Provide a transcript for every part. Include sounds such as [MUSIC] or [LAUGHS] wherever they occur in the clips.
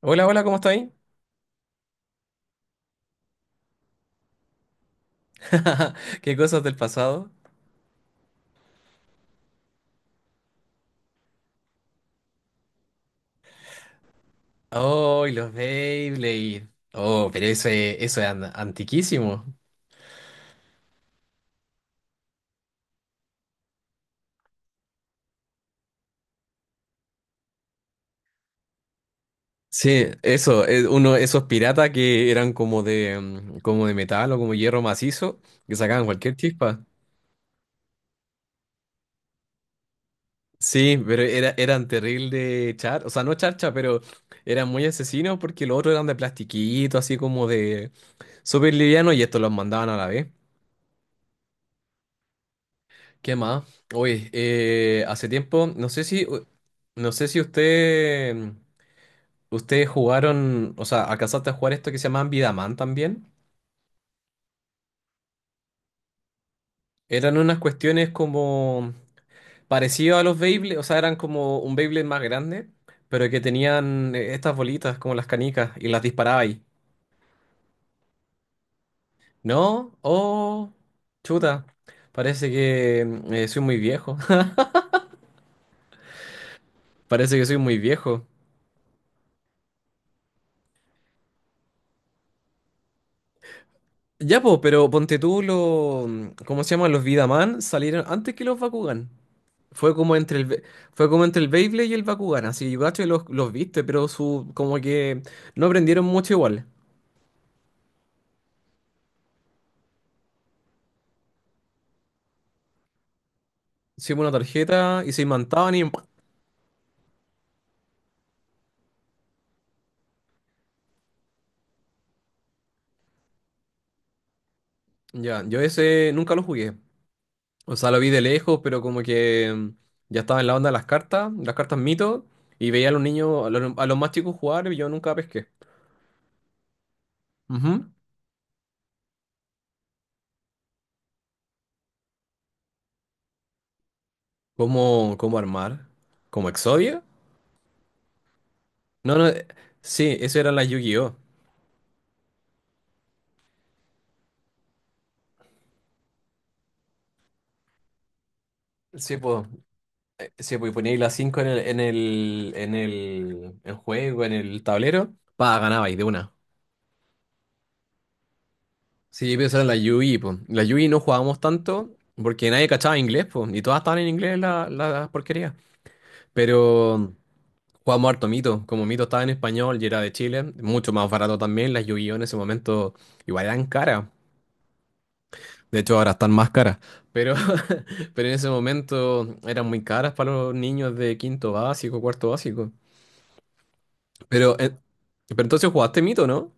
Hola, hola, ¿cómo estáis? [LAUGHS] Qué cosas del pasado. Oh, y los Beyblade. Oh, pero eso es antiquísimo. Sí, eso, es uno, de esos piratas que eran como de, como de metal o como hierro macizo, que sacaban cualquier chispa. Sí, pero eran terrible o sea, no charcha, pero eran muy asesinos porque los otros eran de plastiquito, así como de súper liviano, y estos los mandaban a la vez. ¿Qué más? Oye, hace tiempo, no sé si ustedes jugaron, o sea, alcanzaste a jugar esto que se llamaban Vidaman también. Eran unas cuestiones como parecido a los Beyblade, o sea, eran como un Beyblade más grande, pero que tenían estas bolitas como las canicas y las disparaba ahí. ¿No? Oh, chuta, parece que soy muy viejo. [LAUGHS] Parece que soy muy viejo. Ya, po, pero ponte tú los. ¿Cómo se llaman? Los Vidaman salieron antes que los Bakugan. Fue como entre el, Be- fue como entre el Beyblade y el Bakugan. Así yo cacho que los viste, pero como que no aprendieron mucho igual. Hicimos una tarjeta y se imantaban y. ¡Pua! Ya, yo ese nunca lo jugué. O sea, lo vi de lejos, pero como que ya estaba en la onda de las cartas mito, y veía a los niños, a los más chicos jugar y yo nunca pesqué. Ujú. ¿Cómo armar? ¿Como Exodia? No, no, sí, eso era la Yu-Gi-Oh! Sí, pues, sí, pues, poníais las 5 en el tablero, pa, ganabais de una. Sí, pero eso era la Yu-Gi, po. La Yu-Gi no jugábamos tanto porque nadie cachaba inglés, pues, y todas estaban en inglés la porquería. Pero jugábamos harto Mito, como Mito estaba en español y era de Chile, mucho más barato también. Las Yu-Gi-Oh en ese momento igual eran caras. De hecho, ahora están más caras, pero, [LAUGHS] pero en ese momento eran muy caras para los niños de quinto básico, cuarto básico. Pero, eh, pero entonces jugaste mito, ¿no?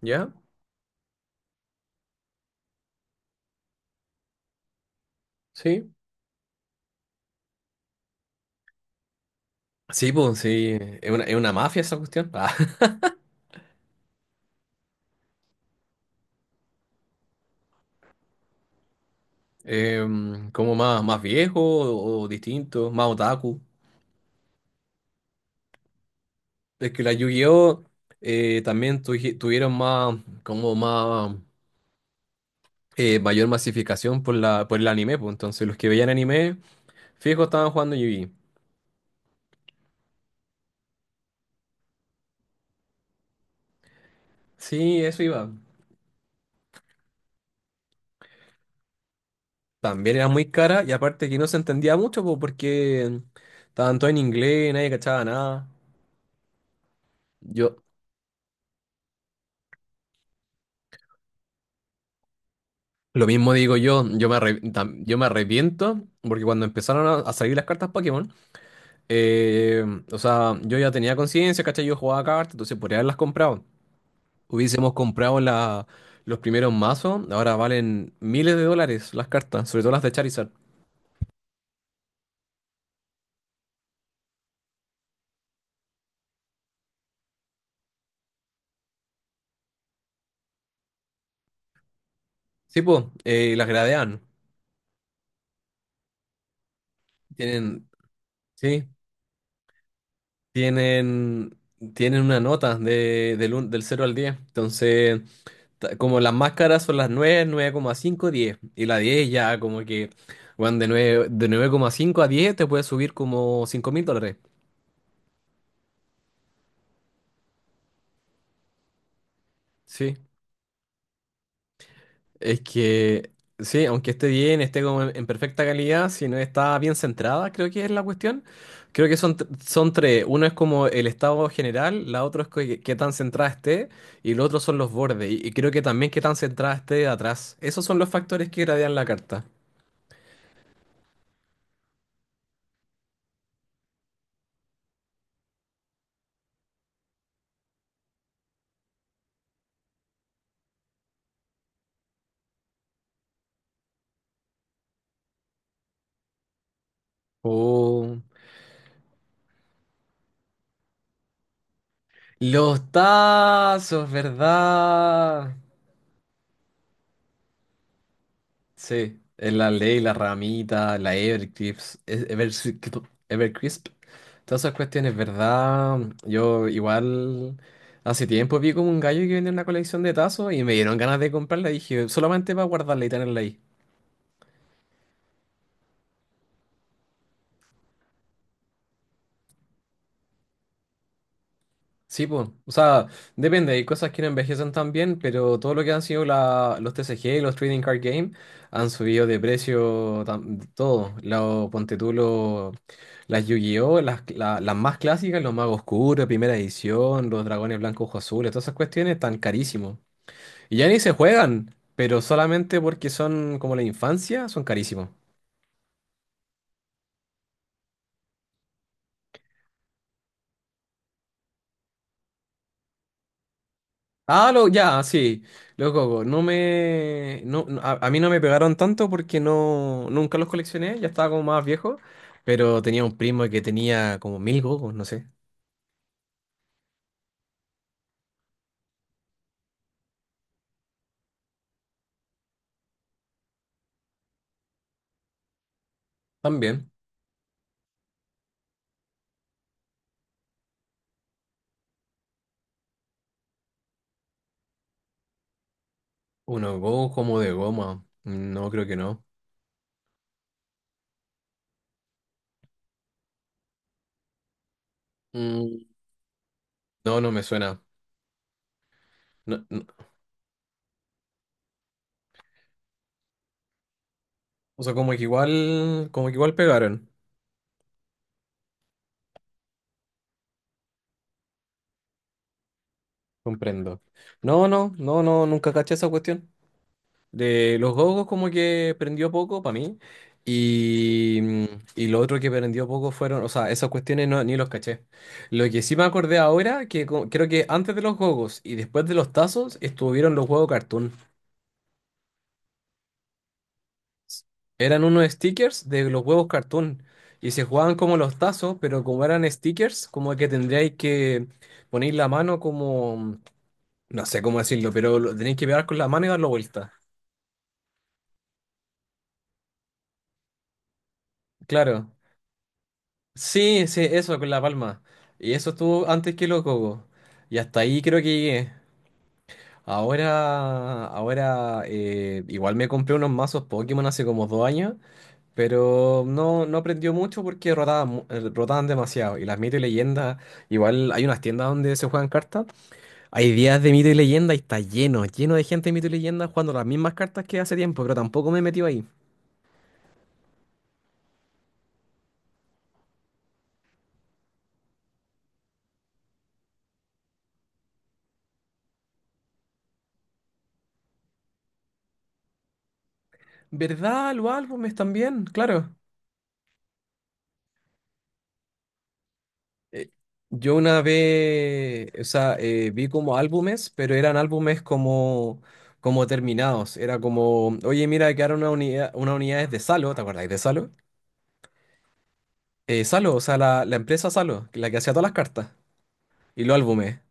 ¿Ya? Sí. Sí, pues, sí, es una mafia esa cuestión. [LAUGHS] Ah, como más viejo o distinto, más otaku. Es que la Yu-Gi-Oh también tuvieron más, como más, mayor masificación por por el anime, pues entonces los que veían anime, fijo, estaban jugando Yu-Gi. Sí, eso iba. También era muy cara y aparte que no se entendía mucho, po, porque estaban todos en inglés, nadie cachaba nada. Yo, lo mismo digo yo, yo me arrepiento porque cuando empezaron a salir las cartas Pokémon, eh, o sea, yo ya tenía conciencia, ¿cachai? Yo jugaba cartas, entonces podría haberlas comprado. Hubiésemos comprado los primeros mazos. Ahora valen miles de dólares las cartas, sobre todo las de Charizard. Sí, pues, las gradean. Tienen, sí. tienen, tienen una nota del 0 al 10. Entonces, como las máscaras son las 9, 9,5, 10 Y la 10 ya como que, bueno, de 9,5 a 10 te puedes subir como $5000. Sí. Es que, sí, aunque esté bien, esté como en perfecta calidad, si no está bien centrada, creo que es la cuestión. Creo que son tres. Uno es como el estado general, la otra es qué tan centrada esté, y el otro son los bordes. Y creo que también qué tan centrada esté de atrás. Esos son los factores que gradean la carta. Oh, los tazos, ¿verdad? Sí, es la Ley, la Ramita, la Evercrisp, es- Evercrisp, Evercrisp. Todas esas cuestiones, ¿verdad? Yo igual hace tiempo vi como un gallo que vendía una colección de tazos y me dieron ganas de comprarla. Dije, solamente para guardarla y tenerla ahí. Sí, pues, o sea, depende, hay cosas que no envejecen tan bien, pero todo lo que han sido los TCG y los Trading Card Game han subido de precio todo. Ponte tú las Yu-Gi-Oh, las más clásicas, los Magos Oscuros, primera edición, los Dragones Blancos Ojos Azules, todas esas cuestiones están carísimos. Y ya ni se juegan, pero solamente porque son como la infancia, son carísimos. Ah, ya, sí, los gogos. No, no, a mí no me pegaron tanto porque nunca los coleccioné, ya estaba como más viejo, pero tenía un primo que tenía como mil gogos, no sé. También, unos gogos como de goma. No, creo que no. Mm, no, no me suena. No, no. O sea, como que igual pegaron. Comprendo. No, no, no, no, nunca caché esa cuestión. De los gogos como que prendió poco para mí. Y, mm, y lo otro que prendió poco fueron, o sea, esas cuestiones no, ni los caché. Lo que sí me acordé ahora, creo que antes de los gogos y después de los tazos estuvieron los huevos cartoon. Eran unos stickers de los huevos cartoon. Y se jugaban como los tazos, pero como eran stickers, como que tendríais que poner la mano como, no sé cómo decirlo, pero lo tenéis que pegar con la mano y darlo vuelta. Claro. Sí, sí, eso con la palma. Y eso estuvo antes que los cocos. Y hasta ahí creo que llegué. Ahora igual me compré unos mazos Pokémon hace como 2 años, pero no aprendió mucho porque rotaban demasiado. Y las mito y leyendas, igual hay unas tiendas donde se juegan cartas. Hay días de mito y leyenda y está lleno, lleno de gente de mito y leyenda jugando las mismas cartas que hace tiempo, pero tampoco me he metido ahí. ¿Verdad? Los álbumes también, claro. Eh, Yo una vez, o sea, vi como álbumes, pero eran álbumes como terminados. Era como, oye, mira, quedaron una unidad es de Salo. ¿Te acordáis de Salo? Salo, o sea, la empresa Salo, la que hacía todas las cartas y los álbumes,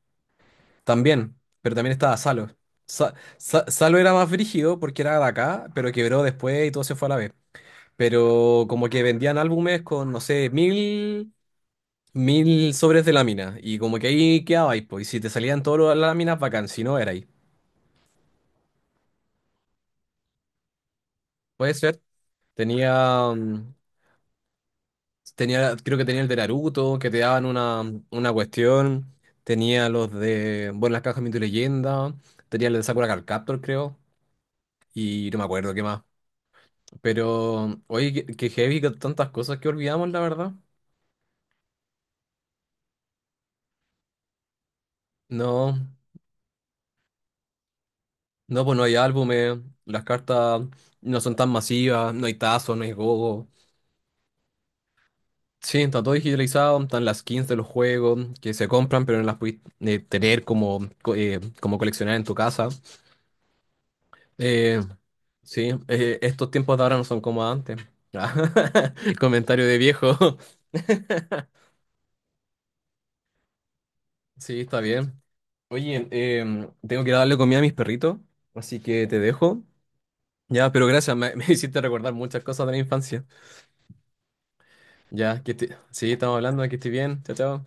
también, pero también estaba Salo. Salo era más brígido porque era de acá, pero quebró después y todo se fue a la vez. Pero como que vendían álbumes con, no sé, mil sobres de lámina. Y como que ahí quedabais, pues. Y si te salían todas las láminas, bacán. Si no, era ahí. Puede ser. Tenía, mm, creo que tenía el de Naruto, que te daban una cuestión. Tenía bueno, las cajas de tu leyenda. Tenía el de Sakura Card Captor, creo. Y no me acuerdo qué más. Pero, oye, qué heavy, que tantas cosas que olvidamos, la verdad. No, no, pues no hay álbumes. Las cartas no son tan masivas. No hay tazos, no hay gogo. Sí, está todo digitalizado, están las skins de los juegos que se compran, pero no las puedes tener como coleccionar en tu casa. Eh, sí, estos tiempos de ahora no son como antes. [LAUGHS] Comentario de viejo. [LAUGHS] Sí, está bien. Oye, tengo que ir a darle comida a mis perritos, así que te dejo. Ya, pero gracias, me, [LAUGHS] me hiciste recordar muchas cosas de la infancia. Ya, sí, estamos hablando, que estoy bien. Chao, chao.